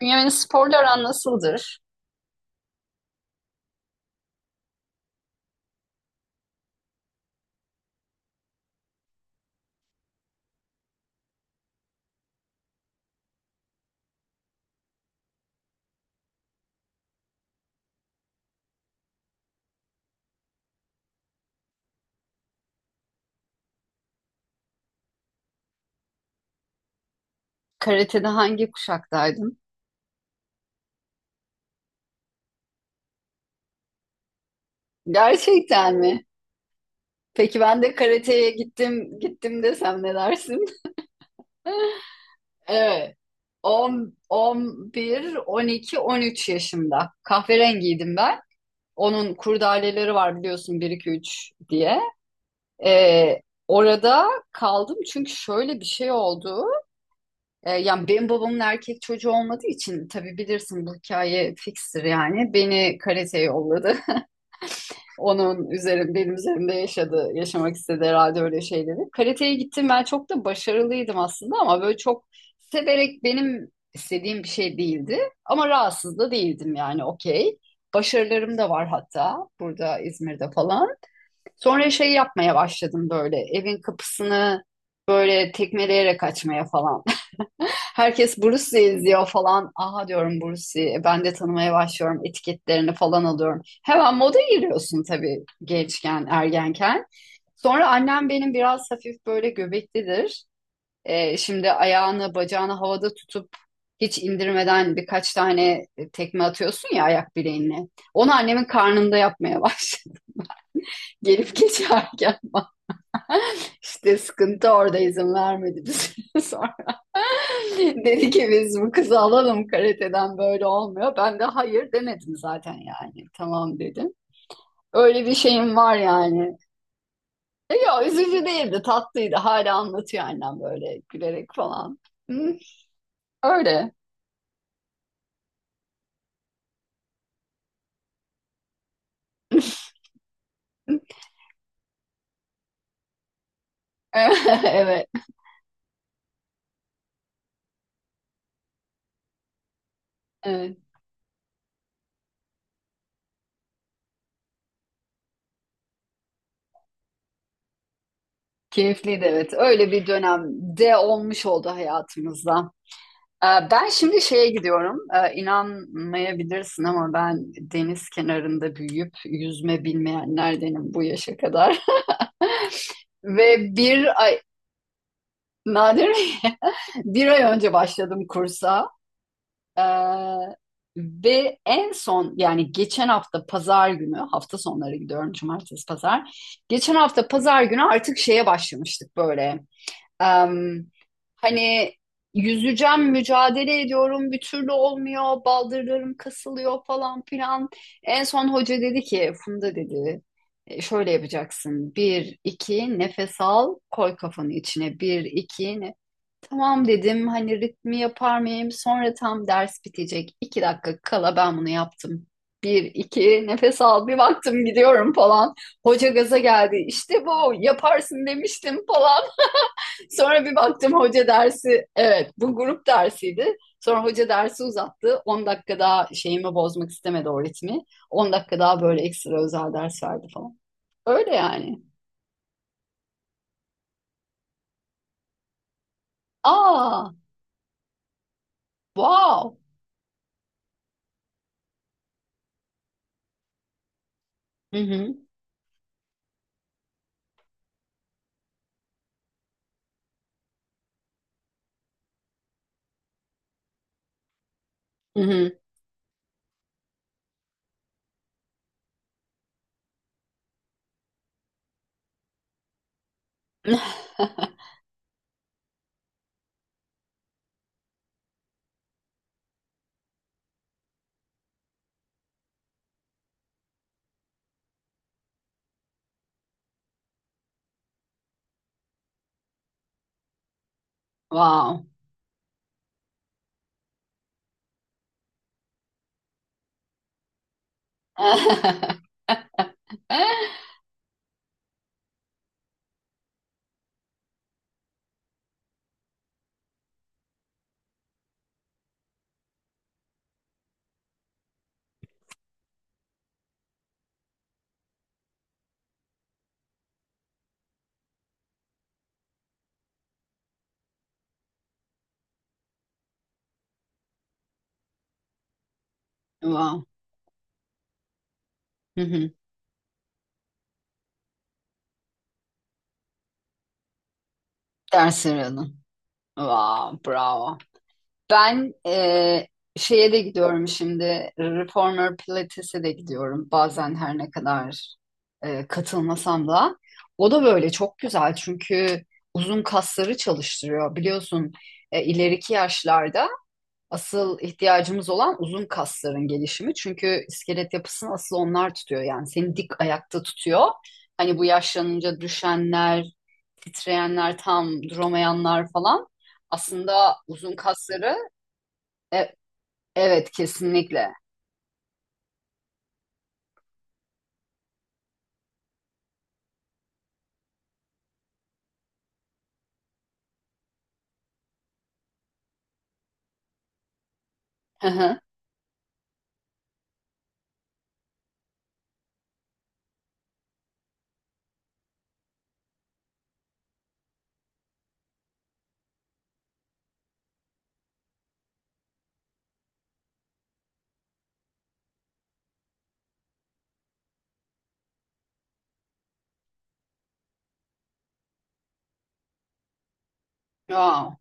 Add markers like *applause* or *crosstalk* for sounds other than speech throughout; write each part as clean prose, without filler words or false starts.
Bünyamin'in sporla aran nasıldır? Karate'de hangi kuşaktaydın? Gerçekten mi? Peki ben de karateye gittim, gittim desem ne dersin? *laughs* Evet. 10, 11, 12, 13 yaşında. Kahverengiydim ben. Onun kurdaleleri var biliyorsun bir 2 3 diye. Ee, Orada kaldım çünkü şöyle bir şey oldu. Yani benim babamın erkek çocuğu olmadığı için tabii bilirsin bu hikaye fikstir yani. Beni karateye yolladı. Benim üzerimde yaşamak istedi herhalde öyle şeyleri. Karateye gittim, ben çok da başarılıydım aslında ama böyle çok severek benim istediğim bir şey değildi. Ama rahatsız da değildim yani, okey. Başarılarım da var hatta, burada İzmir'de falan. Sonra şey yapmaya başladım, böyle evin kapısını böyle tekmeleyerek açmaya falan. Herkes Bruce izliyor falan. Aha diyorum Bruce. Ben de tanımaya başlıyorum. Etiketlerini falan alıyorum. Hemen moda giriyorsun tabii, gençken, ergenken. Sonra annem benim biraz hafif böyle göbeklidir. Şimdi ayağını, bacağını havada tutup hiç indirmeden birkaç tane tekme atıyorsun ya ayak bileğinle. Onu annemin karnında yapmaya başladı. *laughs* Gelip geçerken *laughs* işte sıkıntı orada izin vermedi bize. *laughs* Dedi ki biz bu kızı alalım karateden, böyle olmuyor. Ben de hayır demedim zaten yani. Tamam dedim. Öyle bir şeyim var yani. E ya, üzücü değildi, tatlıydı. Hala anlatıyor annem böyle gülerek falan. Hı, öyle. *laughs* Evet, evet. Keyifliydi, evet. Öyle bir dönemde olmuş oldu hayatımızda. Ben şimdi şeye gidiyorum. İnanmayabilirsin ama ben deniz kenarında büyüyüp yüzme bilmeyenlerdenim bu yaşa kadar. Ve bir ay, nadir mi? *laughs* Bir ay önce başladım kursa. Ee, Ve en son yani geçen hafta pazar günü, hafta sonları gidiyorum, cumartesi pazar. Geçen hafta pazar günü artık şeye başlamıştık böyle. Em, Hani yüzeceğim, mücadele ediyorum, bir türlü olmuyor, baldırlarım kasılıyor falan filan. En son hoca dedi ki, "Funda" dedi, "E, şöyle yapacaksın. Bir, iki, nefes al, koy kafanı içine. Bir, iki, ne? Tamam" dedim, hani ritmi yapar mıyım? Sonra tam ders bitecek. 2 dakika kala ben bunu yaptım. Bir, iki, nefes al, bir baktım gidiyorum falan. Hoca gaza geldi. İşte bu, yaparsın demiştim falan. Sonra bir baktım hoca dersi, evet, bu grup dersiydi. Sonra hoca dersi uzattı. 10 dakika daha şeyimi bozmak istemedi, o ritmi. 10 dakika daha böyle ekstra özel ders verdi falan. Öyle yani. Aa, wow. Hı hı. Hı hı. *laughs* Wow. *laughs* Wow. Hı hı. Ders aradım. Wow, bravo. Ben şeye de gidiyorum şimdi. Reformer Pilates'e de gidiyorum. Bazen her ne kadar katılmasam da. O da böyle çok güzel çünkü uzun kasları çalıştırıyor. Biliyorsun ileriki yaşlarda asıl ihtiyacımız olan uzun kasların gelişimi. Çünkü iskelet yapısını asıl onlar tutuyor. Yani seni dik ayakta tutuyor. Hani bu yaşlanınca düşenler, titreyenler, tam duramayanlar falan. Aslında uzun kasları. e, Evet, kesinlikle. Hı hı. Wow,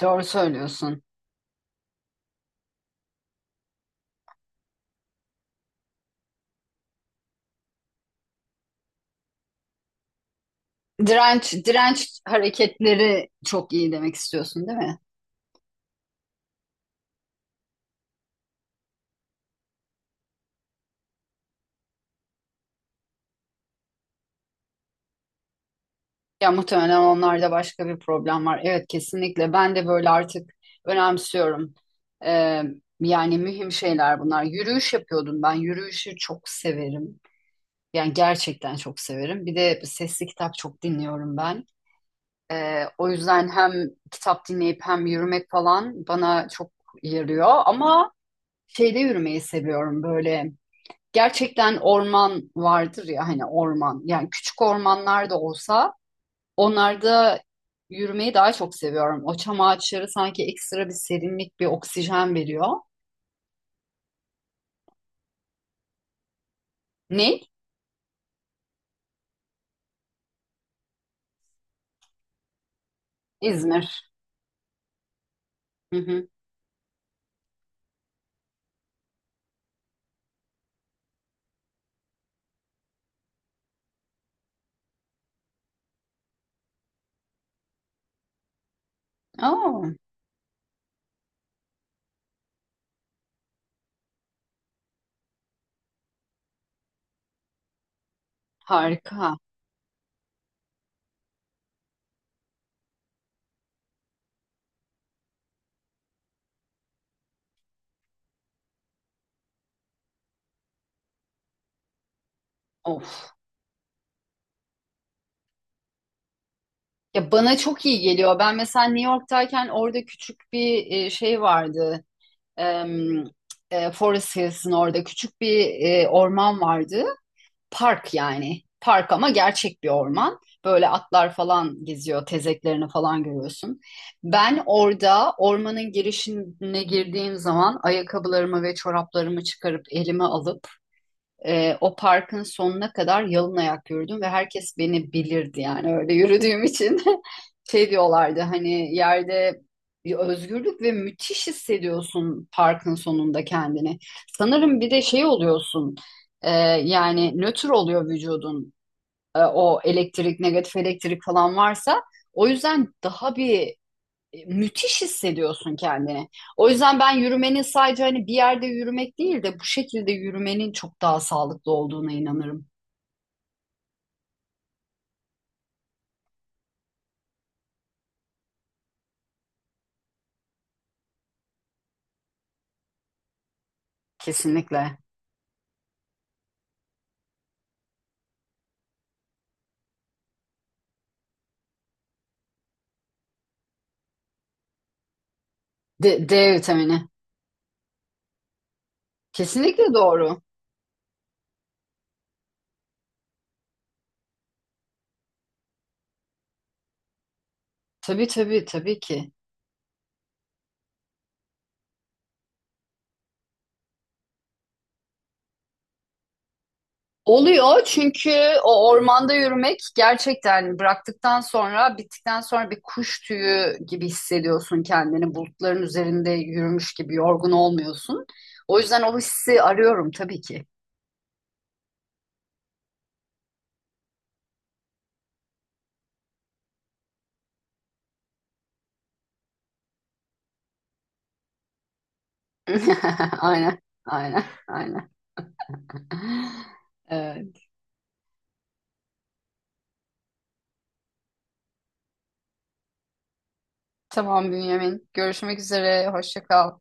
doğru söylüyorsun. Direnç, direnç hareketleri çok iyi demek istiyorsun, değil mi? Ya muhtemelen onlarda başka bir problem var. Evet, kesinlikle. Ben de böyle artık önemsiyorum. Ee, Yani mühim şeyler bunlar. Yürüyüş yapıyordum ben. Yürüyüşü çok severim. Yani gerçekten çok severim. Bir de sesli kitap çok dinliyorum ben. O yüzden hem kitap dinleyip hem yürümek falan bana çok yarıyor ama şeyde yürümeyi seviyorum böyle. Gerçekten orman vardır ya, hani orman. Yani küçük ormanlar da olsa onlarda yürümeyi daha çok seviyorum. O çam ağaçları sanki ekstra bir serinlik, bir oksijen veriyor. Ne? İzmir. Hı hı. Aa, harika. Of. Ya bana çok iyi geliyor. Ben mesela New York'tayken orada küçük bir şey vardı. Em, Forest Hills'in orada küçük bir orman vardı. Park yani. Park ama gerçek bir orman. Böyle atlar falan geziyor, tezeklerini falan görüyorsun. Ben orada ormanın girişine girdiğim zaman ayakkabılarımı ve çoraplarımı çıkarıp elime alıp o parkın sonuna kadar yalın ayak yürüdüm ve herkes beni bilirdi yani öyle yürüdüğüm için. *laughs* Şey diyorlardı, hani yerde bir özgürlük ve müthiş hissediyorsun parkın sonunda kendini. Sanırım bir de şey oluyorsun, e, yani nötr oluyor vücudun. O elektrik, negatif elektrik falan varsa, o yüzden daha bir müthiş hissediyorsun kendini. O yüzden ben yürümenin sadece hani bir yerde yürümek değil de bu şekilde yürümenin çok daha sağlıklı olduğuna inanırım. Kesinlikle. D vitamini. Kesinlikle doğru. Tabii, tabii, tabii ki. Oluyor çünkü o ormanda yürümek gerçekten, bıraktıktan sonra, bittikten sonra bir kuş tüyü gibi hissediyorsun kendini. Bulutların üzerinde yürümüş gibi, yorgun olmuyorsun. O yüzden o hissi arıyorum tabii ki. *laughs* Aynen, aynen, aynen. *laughs* Ee, tamam Bünyamin. Görüşmek üzere. Hoşça kal.